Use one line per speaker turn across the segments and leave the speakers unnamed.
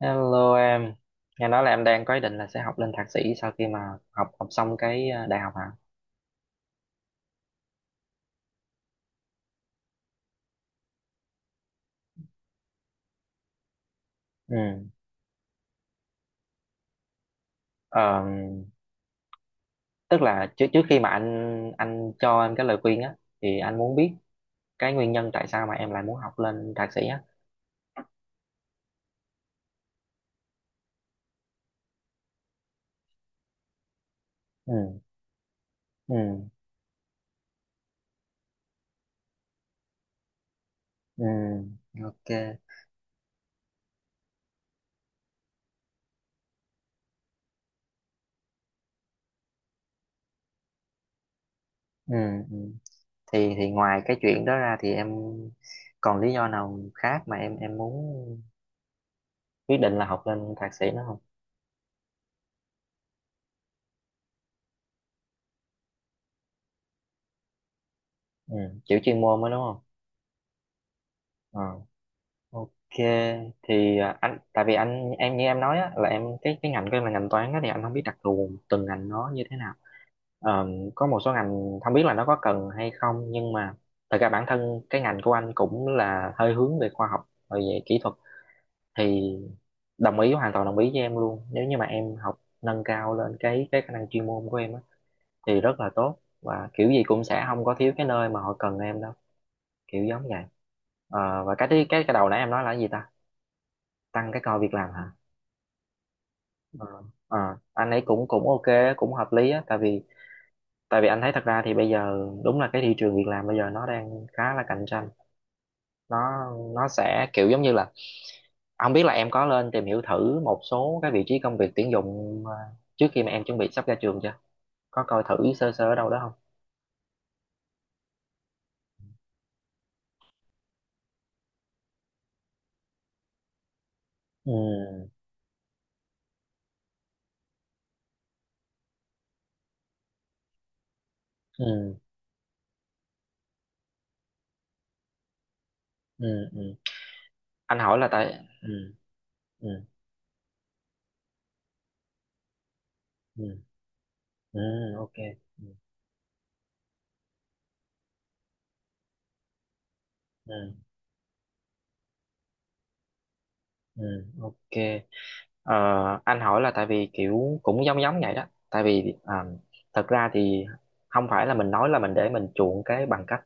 Hello em, nghe nói là em đang có ý định là sẽ học lên thạc sĩ sau khi mà học học xong cái đại học hả? Ừ. Ờ, tức là trước trước khi mà anh cho em cái lời khuyên á, thì anh muốn biết cái nguyên nhân tại sao mà em lại muốn học lên thạc sĩ á. Ừ. Ừ. Ừ. Ok. Ừ. Ừ. Thì ngoài cái chuyện đó ra thì em còn lý do nào khác mà em muốn quyết định là học lên thạc sĩ nữa không? Ừ. Chịu chuyên môn mới đúng không? Ờ. Ok, thì anh tại vì anh em như em nói á, là em cái ngành của em là ngành toán á, thì anh không biết đặc thù từng ngành nó như thế nào. Có một số ngành không biết là nó có cần hay không, nhưng mà thật ra bản thân cái ngành của anh cũng là hơi hướng về khoa học rồi về kỹ thuật, thì đồng ý, hoàn toàn đồng ý với em luôn nếu như mà em học nâng cao lên cái khả năng chuyên môn của em á, thì rất là tốt, và kiểu gì cũng sẽ không có thiếu cái nơi mà họ cần em đâu, kiểu giống vậy. Và cái thứ- cái đầu nãy em nói là cái gì ta, tăng cái coi việc làm hả? ờ, ờ, anh ấy cũng cũng ok, cũng hợp lý á, tại vì anh thấy thật ra thì bây giờ đúng là cái thị trường việc làm bây giờ nó đang khá là cạnh tranh. Nó nó sẽ kiểu giống như là không biết là em có lên tìm hiểu thử một số cái vị trí công việc tuyển dụng trước khi mà em chuẩn bị sắp ra trường chưa, có coi thử sơ sơ ở đâu đó không? Ừ. Ừ. Ừ. Ừ. Anh hỏi là tại ừ. Ừ. Ừ. Ừ. Ok. Ừ. Ừ. Ok. Ờ, anh hỏi là tại vì kiểu cũng giống giống vậy đó, tại vì thật ra thì không phải là mình nói là mình để mình chuộng cái bằng cấp,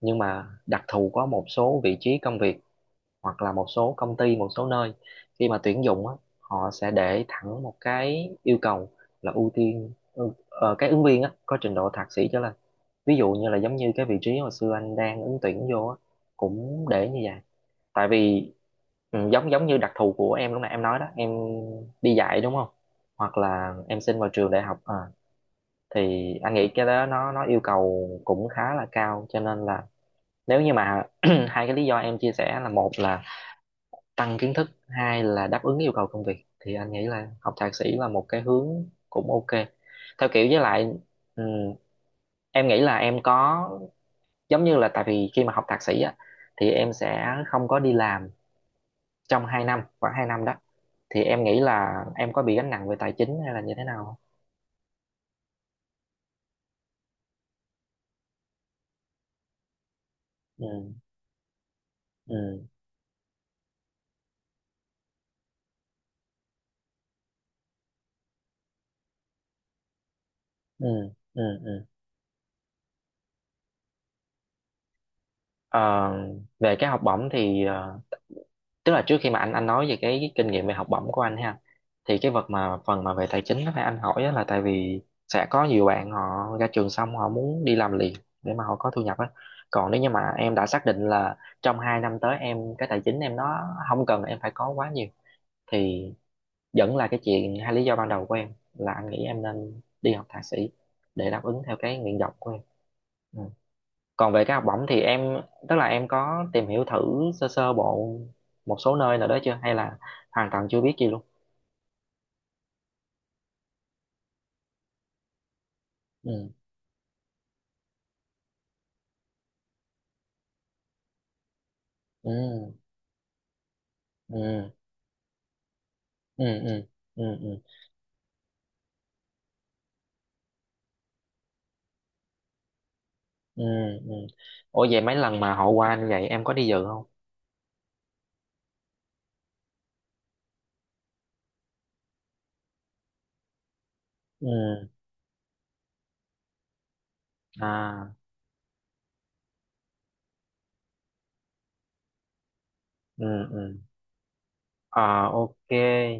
nhưng mà đặc thù có một số vị trí công việc hoặc là một số công ty, một số nơi khi mà tuyển dụng á, họ sẽ để thẳng một cái yêu cầu là ưu tiên cái ứng viên á, có trình độ thạc sĩ trở lên. Ví dụ như là giống như cái vị trí hồi xưa anh đang ứng tuyển vô á cũng để như vậy, tại vì giống giống như đặc thù của em lúc nãy em nói đó, em đi dạy đúng không, hoặc là em xin vào trường đại học thì anh nghĩ cái đó nó yêu cầu cũng khá là cao, cho nên là nếu như mà hai cái lý do em chia sẻ là một là tăng kiến thức, hai là đáp ứng yêu cầu công việc, thì anh nghĩ là học thạc sĩ là một cái hướng cũng ok, theo kiểu với lại ừ, em nghĩ là em có giống như là tại vì khi mà học thạc sĩ á thì em sẽ không có đi làm trong 2 năm, khoảng 2 năm đó, thì em nghĩ là em có bị gánh nặng về tài chính hay là như thế nào không? Ừ. Ừ. Ừ. Ừ. Ừ. ờ, về cái học bổng thì tức là trước khi mà anh nói về cái kinh nghiệm về học bổng của anh ha, thì cái vật mà phần mà về tài chính đó là anh hỏi á là tại vì sẽ có nhiều bạn họ ra trường xong họ muốn đi làm liền để mà họ có thu nhập á. Còn nếu như mà em đã xác định là trong 2 năm tới em cái tài chính em nó không cần em phải có quá nhiều, thì vẫn là cái chuyện hai lý do ban đầu của em, là anh nghĩ em nên đi học thạc sĩ để đáp ứng theo cái nguyện vọng của em. Ừ. Còn về cái học bổng thì em, tức là em có tìm hiểu thử sơ sơ bộ một số nơi nào đó chưa, hay là hoàn toàn chưa biết gì luôn? Ừ. Ừ. Ừ. Ừ. Ừ. Ừ. Ừ. Ừ. Ừ. Ủa vậy mấy lần mà họ qua như vậy em có đi dự không? Ừ. À. Ừ. Ừ. Ờ, ok,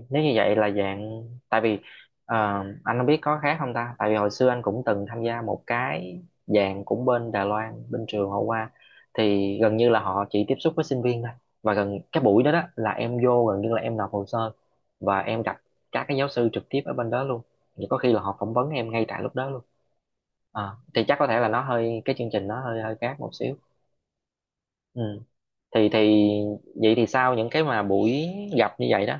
nếu như vậy là dạng tại vì ờ, anh không biết có khác không ta? Tại vì hồi xưa anh cũng từng tham gia một cái dạng cũng bên Đài Loan, bên trường họ qua, thì gần như là họ chỉ tiếp xúc với sinh viên thôi. Và gần cái buổi đó, đó là em vô, gần như là em nộp hồ sơ và em gặp các cái giáo sư trực tiếp ở bên đó luôn. Thì có khi là họ phỏng vấn em ngay tại lúc đó luôn. Thì chắc có thể là nó hơi cái chương trình nó hơi hơi khác một xíu. Ừ. Thì vậy thì sau những cái mà buổi gặp như vậy đó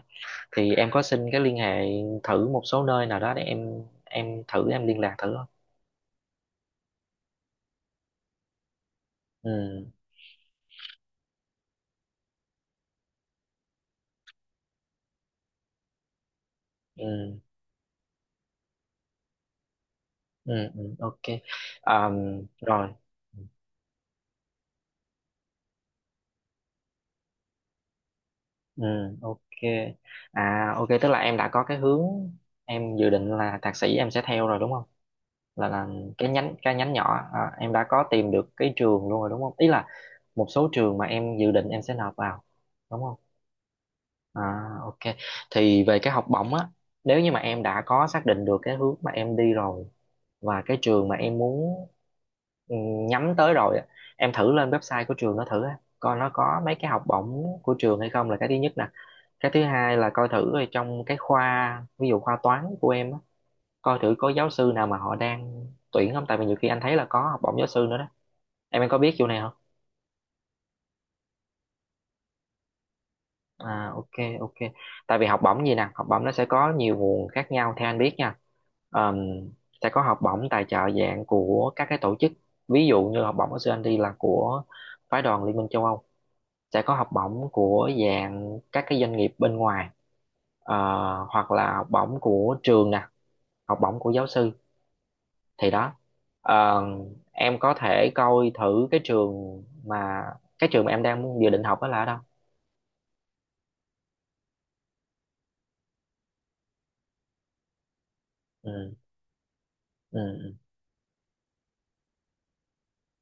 thì em có xin cái liên hệ thử một số nơi nào đó để em thử em liên lạc thử không? Ừ. Ừ. Ừ. Ừ. Ok. Rồi. Ừ. Ok. À ok, tức là em đã có cái hướng em dự định là thạc sĩ em sẽ theo rồi đúng không, là cái nhánh nhỏ em đã có tìm được cái trường luôn rồi đúng không, ý là một số trường mà em dự định em sẽ nộp vào đúng không? À, ok. Thì về cái học bổng á, nếu như mà em đã có xác định được cái hướng mà em đi rồi và cái trường mà em muốn ừ, nhắm tới rồi á, em thử lên website của trường nó thử á, coi nó có mấy cái học bổng của trường hay không là cái thứ nhất nè. Cái thứ hai là coi thử ở trong cái khoa, ví dụ khoa toán của em á, coi thử có giáo sư nào mà họ đang tuyển không, tại vì nhiều khi anh thấy là có học bổng giáo sư nữa đó, em có biết chỗ này không? À ok. Ok. Tại vì học bổng gì nè, học bổng nó sẽ có nhiều nguồn khác nhau theo anh biết nha. Ờm, sẽ có học bổng tài trợ dạng của các cái tổ chức. Ví dụ như học bổng của anh đi là của phái đoàn Liên minh châu Âu. Sẽ có học bổng của dạng các cái doanh nghiệp bên ngoài. Ờ, hoặc là học bổng của trường nè, học bổng của giáo sư, thì đó. Ờ, em có thể coi thử cái trường mà em đang dự định học đó là ở đâu. Ừ. Ừ. Ừ.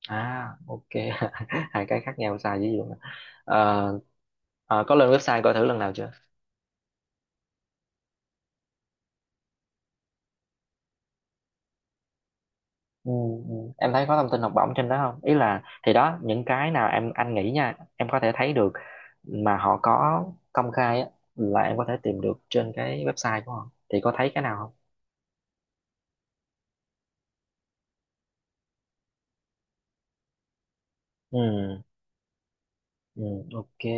À ok. hai cái khác nhau xa dữ vậy luôn á. Ờ, có lên website coi thử lần nào chưa? Ừ. Ừ. Em thấy có thông tin học bổng trên đó không, ý là thì đó những cái nào em, anh nghĩ nha, em có thể thấy được mà họ có công khai á, là em có thể tìm được trên cái website của họ thì có thấy cái nào không? Ừ. Ừ. Ok.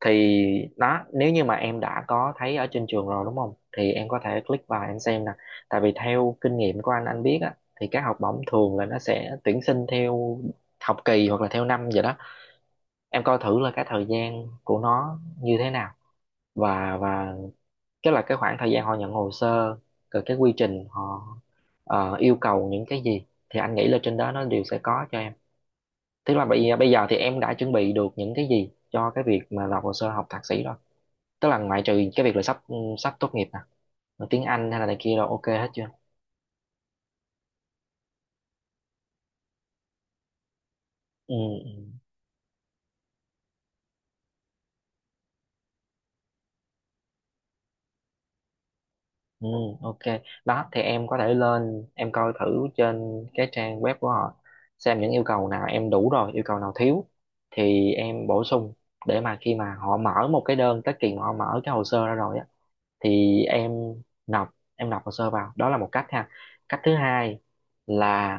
Thì đó, nếu như mà em đã có thấy ở trên trường rồi đúng không thì em có thể click vào em xem nè. Tại vì theo kinh nghiệm của anh biết á, thì các học bổng thường là nó sẽ tuyển sinh theo học kỳ hoặc là theo năm vậy đó. Em coi thử là cái thời gian của nó như thế nào, và cái là cái khoảng thời gian họ nhận hồ sơ, rồi cái quy trình họ yêu cầu những cái gì, thì anh nghĩ là trên đó nó đều sẽ có cho em. Tức là bây bây giờ thì em đã chuẩn bị được những cái gì cho cái việc mà nộp hồ sơ học thạc sĩ rồi, tức là ngoại trừ cái việc là sắp sắp tốt nghiệp nè rồi tiếng Anh hay là này kia rồi ok hết chưa? Ừ. Ừ. Ừ. Ok. Đó thì em có thể lên em coi thử trên cái trang web của họ, xem những yêu cầu nào em đủ rồi yêu cầu nào thiếu thì em bổ sung, để mà khi mà họ mở một cái đơn tới kỳ mà họ mở cái hồ sơ ra rồi á thì nộp em nộp hồ sơ vào đó là một cách ha. Cách thứ hai là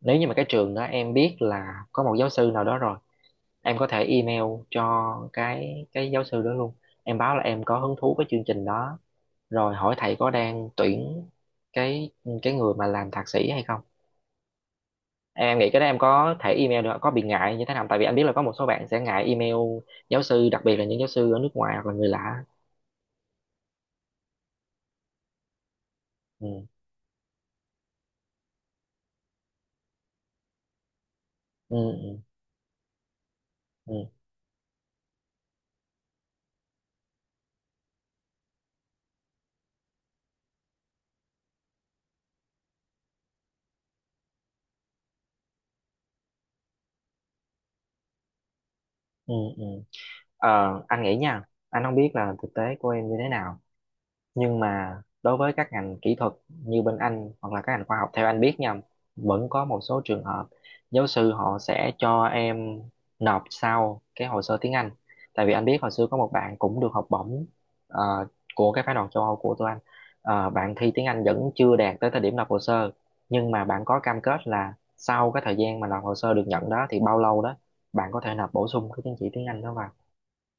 nếu như mà cái trường đó em biết là có một giáo sư nào đó rồi em có thể email cho cái giáo sư đó luôn Em báo là em có hứng thú với chương trình đó, rồi hỏi thầy có đang tuyển cái cái người mà làm thạc sĩ hay không. Em nghĩ cái đó em có thể email được, có bị ngại như thế nào, tại vì anh biết là có một số bạn sẽ ngại email giáo sư, đặc biệt là những giáo sư ở nước ngoài hoặc là người lạ. Ừ. Ừ. Ừ. Ừ. Ừ, ừ. Ờ, anh nghĩ nha, anh không biết là thực tế của em như thế nào, nhưng mà đối với các ngành kỹ thuật như bên anh hoặc là các ngành khoa học, theo anh biết nha, vẫn có một số trường hợp giáo sư họ sẽ cho em nộp sau cái hồ sơ tiếng Anh. Tại vì anh biết hồi xưa có một bạn cũng được học bổng ờ, của cái phái đoàn châu Âu của tụi anh. Bạn thi tiếng Anh vẫn chưa đạt tới thời điểm nộp hồ sơ, nhưng mà bạn có cam kết là sau cái thời gian mà nộp hồ sơ được nhận đó thì bao lâu đó bạn có thể nộp bổ sung cái chứng chỉ tiếng Anh đó vào.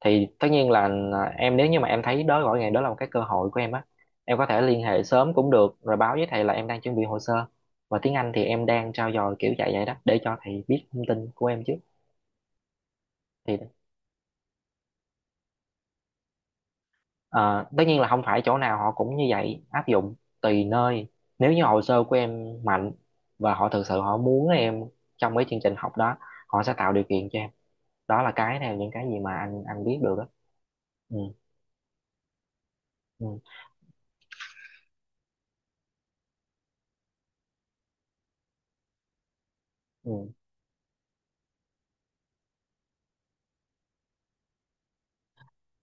Thì tất nhiên là, à, em nếu như mà em thấy đó gọi ngày đó là một cái cơ hội của em á, em có thể liên hệ sớm cũng được, rồi báo với thầy là em đang chuẩn bị hồ sơ và tiếng Anh thì em đang trau dồi kiểu dạy vậy đó, để cho thầy biết thông tin của em trước. Thì ờ, tất nhiên là không phải chỗ nào họ cũng như vậy áp dụng, tùy nơi. Nếu như hồ sơ của em mạnh và họ thực sự họ muốn em trong cái chương trình học đó, họ sẽ tạo điều kiện cho em. Đó là cái theo những cái gì mà anh biết được đó. Ừ, ừ, ừ.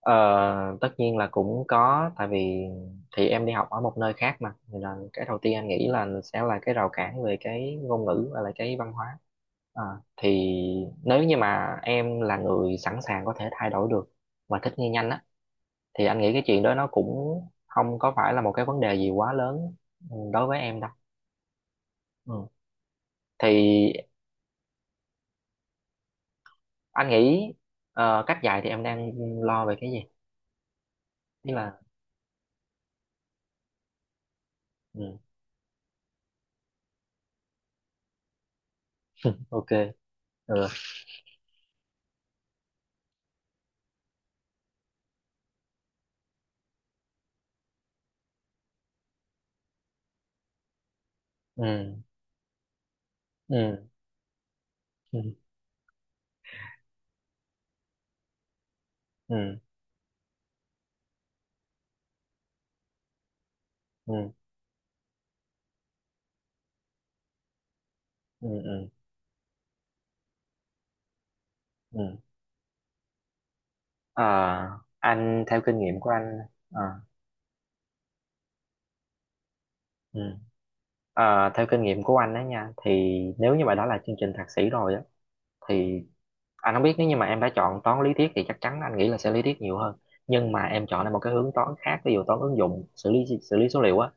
Ờ, tất nhiên là cũng có, tại vì thì em đi học ở một nơi khác mà, thì là cái đầu tiên anh nghĩ là sẽ là cái rào cản về cái ngôn ngữ và là cái văn hóa. Ờ, thì nếu như mà em là người sẵn sàng có thể thay đổi được và thích nghi nhanh á, thì anh nghĩ cái chuyện đó nó cũng không có phải là một cái vấn đề gì quá lớn, ừ, đối với em đâu. Ừ. Thì anh nghĩ cách dạy thì em đang lo về cái gì? Tức là, ừ, ok. Ừ. Ừ. Ừ. Ừ. Ừ. Ừ. Ừ. Ừ. Ừ. Ờ, anh theo kinh nghiệm của anh, ờ, ừ. Ờ, theo kinh nghiệm của anh đó nha, thì nếu như mà đó là chương trình thạc sĩ rồi á, thì anh không biết, nếu như mà em đã chọn toán lý thuyết thì chắc chắn anh nghĩ là sẽ lý thuyết nhiều hơn. Nhưng mà em chọn lại một cái hướng toán khác, ví dụ toán ứng dụng, xử lý số liệu á,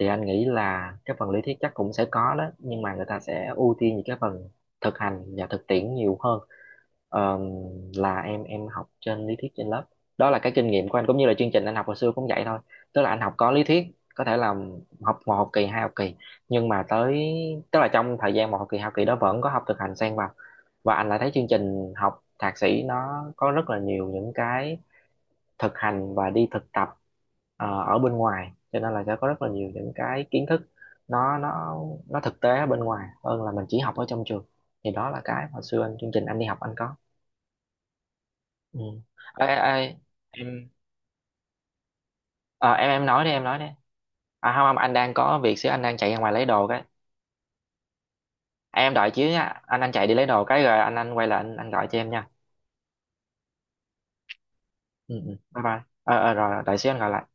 thì anh nghĩ là cái phần lý thuyết chắc cũng sẽ có đó, nhưng mà người ta sẽ ưu tiên những cái phần thực hành và thực tiễn nhiều hơn. Ờm, là em học trên lý thuyết trên lớp. Đó là cái kinh nghiệm của anh, cũng như là chương trình anh học hồi xưa cũng vậy thôi. Tức là anh học có lý thuyết, có thể là học một học kỳ, hai học kỳ, nhưng mà tới, tức là trong thời gian một học kỳ hai học kỳ đó vẫn có học thực hành xen vào. Và anh lại thấy chương trình học thạc sĩ nó có rất là nhiều những cái thực hành và đi thực tập ở bên ngoài, cho nên là sẽ có rất là nhiều những cái kiến thức nó nó nó thực tế ở bên ngoài hơn là mình chỉ học ở trong trường. Thì đó là cái hồi xưa anh, chương trình anh đi học anh có. Ừ. Ê, ê, ê, em, em nói đi em nói đi. À không không, anh đang có việc xíu, anh đang chạy ra ngoài lấy đồ cái. Em đợi xíu nha, anh chạy đi lấy đồ cái rồi anh quay lại, anh gọi cho em nha. Ừ, ừ. Bye bye. Ờ, Rồi rồi, đợi xíu anh gọi lại.